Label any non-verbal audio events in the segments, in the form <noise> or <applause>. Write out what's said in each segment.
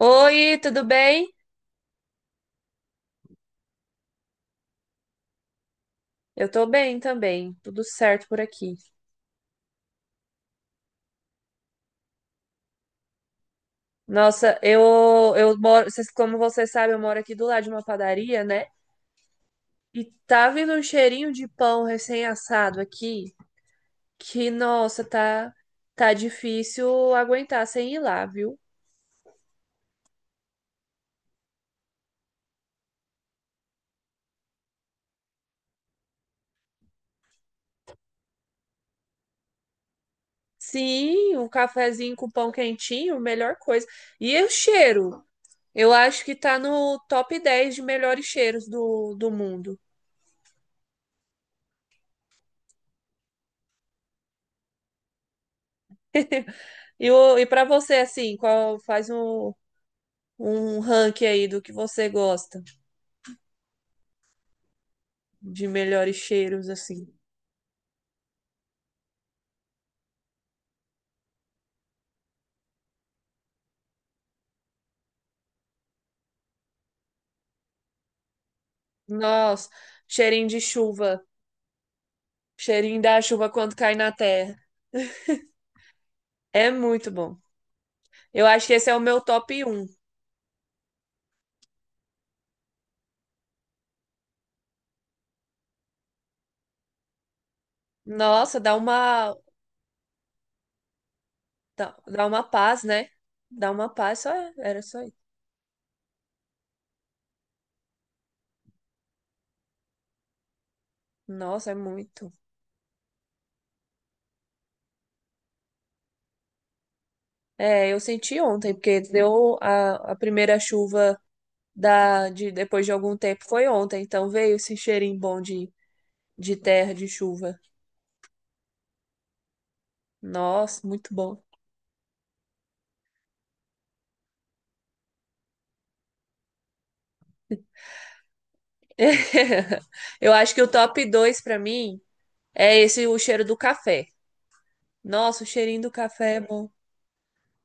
Oi, tudo bem? Eu tô bem também, tudo certo por aqui. Nossa, eu moro, vocês- como você sabe, eu moro aqui do lado de uma padaria, né? E tá vindo um cheirinho de pão recém-assado aqui, que nossa, tá difícil aguentar sem ir lá, viu? Sim, um cafezinho com pão quentinho, melhor coisa. E o cheiro? Eu acho que tá no top 10 de melhores cheiros do mundo. E, o- e para você, assim, qual faz um, um ranking aí do que você gosta de melhores cheiros, assim. Nossa, cheirinho de chuva, cheirinho da chuva quando cai na terra. É muito bom. Eu acho que esse é o meu top 1. Nossa, dá uma, dá uma paz, né? Dá uma paz, só era só isso. Nossa, é muito. É, eu senti ontem, porque deu a primeira chuva da, de, depois de algum tempo foi ontem, então veio esse cheirinho bom de terra, de chuva. Nossa, muito bom. <laughs> Eu acho que o top 2 pra mim é esse o cheiro do café. Nossa, o cheirinho do café é bom.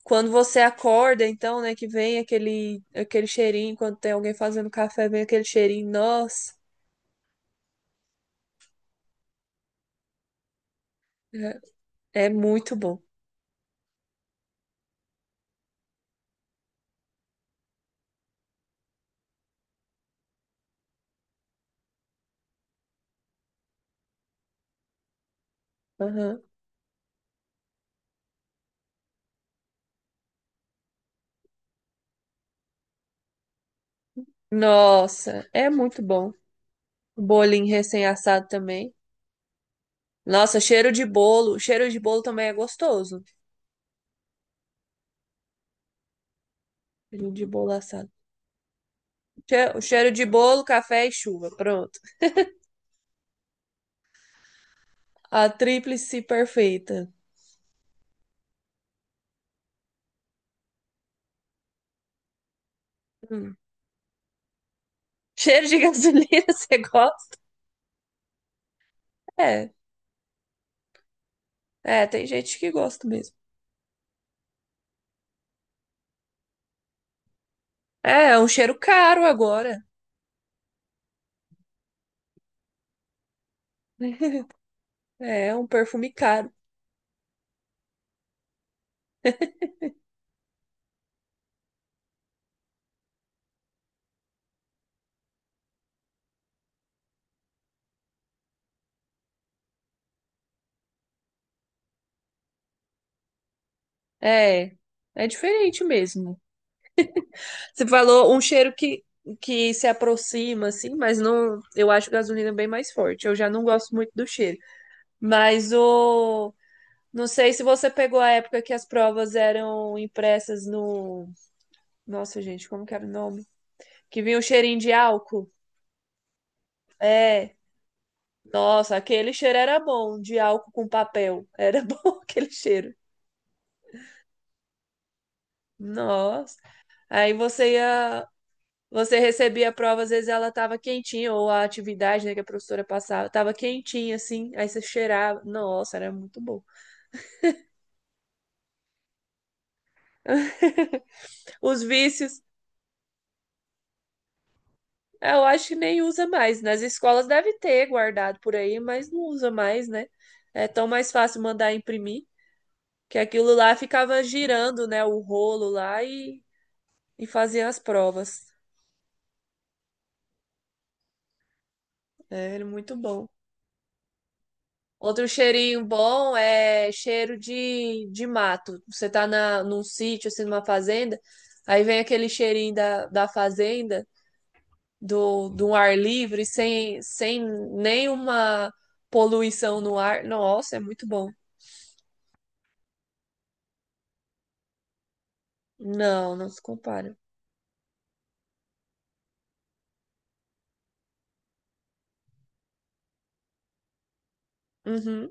Quando você acorda, então, né, que vem aquele cheirinho, quando tem alguém fazendo café, vem aquele cheirinho. Nossa, é é muito bom. Aham. Nossa, é muito bom. O bolinho recém-assado também. Nossa, cheiro de bolo. Cheiro de bolo também é gostoso. Cheiro de bolo assado. Che- Cheiro de bolo, café e chuva. Pronto. A tríplice perfeita. Hum. Cheiro de gasolina, <laughs> você gosta? É, é, tem gente que gosta mesmo. É, é um cheiro caro agora. É, é um perfume caro. É, é diferente mesmo. Você falou um cheiro que se aproxima, assim, mas não. Eu acho gasolina bem mais forte. Eu já não gosto muito do cheiro. Mas o. Não sei se você pegou a época que as provas eram impressas no. Nossa, gente, como que era o nome? Que vinha o cheirinho de álcool. É. Nossa, aquele cheiro era bom, de álcool com papel. Era <laughs> bom aquele cheiro. Nossa. Aí você ia, você recebia a prova, às vezes ela tava quentinha, ou a atividade, né, que a professora passava, tava quentinha assim, aí você cheirava. Nossa, era muito bom. <laughs> Os vícios, eu acho que nem usa mais. Nas escolas deve ter guardado por aí, mas não usa mais, né? É tão mais fácil mandar imprimir, que aquilo lá ficava girando, né, o rolo lá e fazia as provas. É, ele é muito bom. Outro cheirinho bom é cheiro de mato. Você tá na, num sítio, assim, numa fazenda, aí vem aquele cheirinho da, da fazenda, do ar livre, sem, sem nenhuma poluição no ar. Nossa, é muito bom. Não, não se compara. Uhum.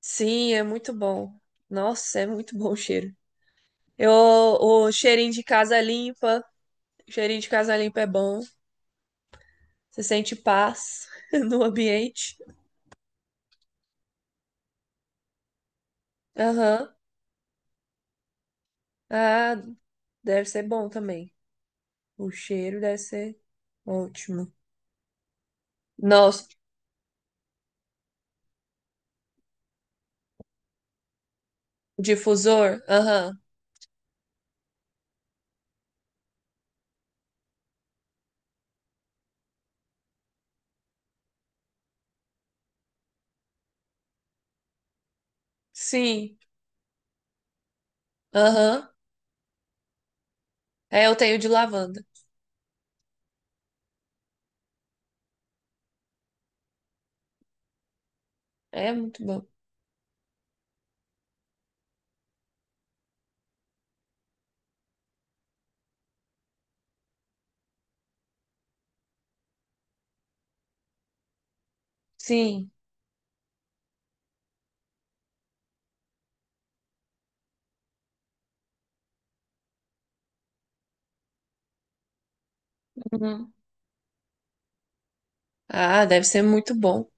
Sim, é muito bom. Nossa, é muito bom o cheiro. Eu, o cheirinho de casa limpa, o cheirinho de casa limpa é bom. Você sente paz <laughs> no ambiente. Aham. Ah, deve ser bom também. O cheiro deve ser ótimo. Nossa, o difusor? Aham. Sim. Aham. É, eu tenho de lavanda. É muito bom. Sim. Uhum. Ah, deve ser muito bom.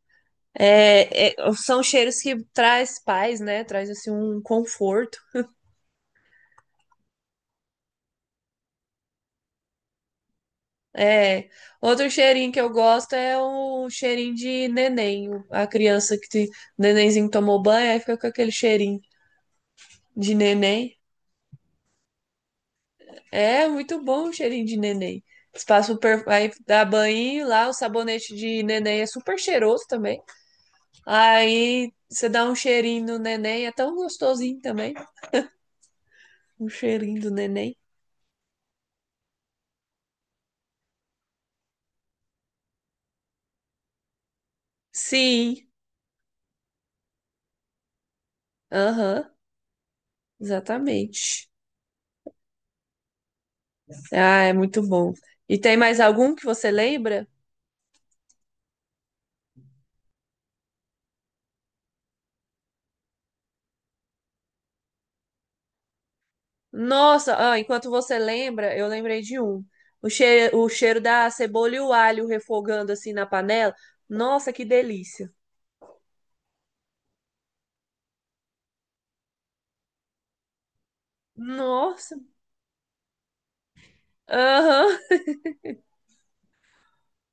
É, é, são cheiros que traz paz, né? Traz assim um conforto. É. Outro cheirinho que eu gosto é o cheirinho de neném. A criança que te- nenenzinho tomou banho, aí fica com aquele cheirinho de neném. É muito bom o cheirinho de neném. Eles passam per... aí dá banho lá, o sabonete de neném é super cheiroso também. Aí você dá um cheirinho no neném, é tão gostosinho também. O cheirinho do neném. Sim, aham, exatamente. Ah, é muito bom. E tem mais algum que você lembra? Nossa, ah, enquanto você lembra, eu lembrei de um. O cheiro da cebola e o alho refogando assim na panela. Nossa, que delícia. Nossa, aham.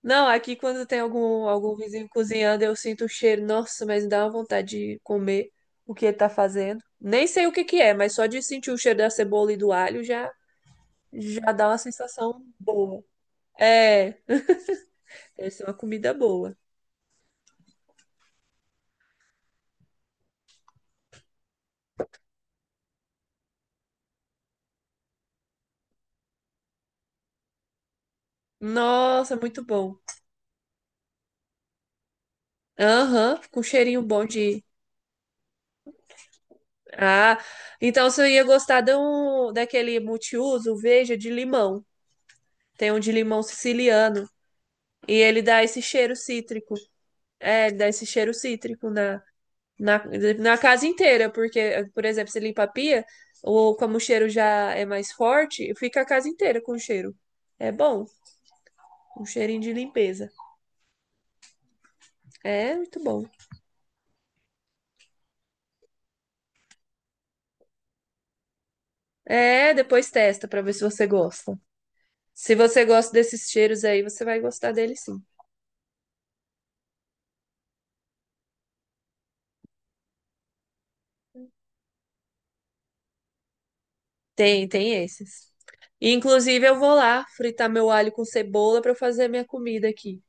Não, aqui quando tem algum, algum vizinho cozinhando, eu sinto o cheiro. Nossa, mas dá uma vontade de comer o que ele tá fazendo. Nem sei o que que é, mas só de sentir o cheiro da cebola e do alho já, já dá uma sensação boa. É, deve ser uma comida boa. Nossa, muito bom. Aham, com cheirinho bom de. Ah, então você ia gostar de um, daquele multiuso, veja, de limão. Tem um de limão siciliano. E ele dá esse cheiro cítrico. É, ele dá esse cheiro cítrico na Na, na casa inteira, porque, por exemplo, você limpa a pia, ou como o cheiro já é mais forte, fica a casa inteira com cheiro. É bom, um cheirinho de limpeza. É muito bom. É, depois testa pra ver se você gosta. Se você gosta desses cheiros aí, você vai gostar dele sim. Tem, tem esses. Inclusive, eu vou lá fritar meu alho com cebola pra fazer minha comida aqui.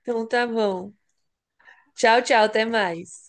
Então tá bom. Tchau, tchau, até mais.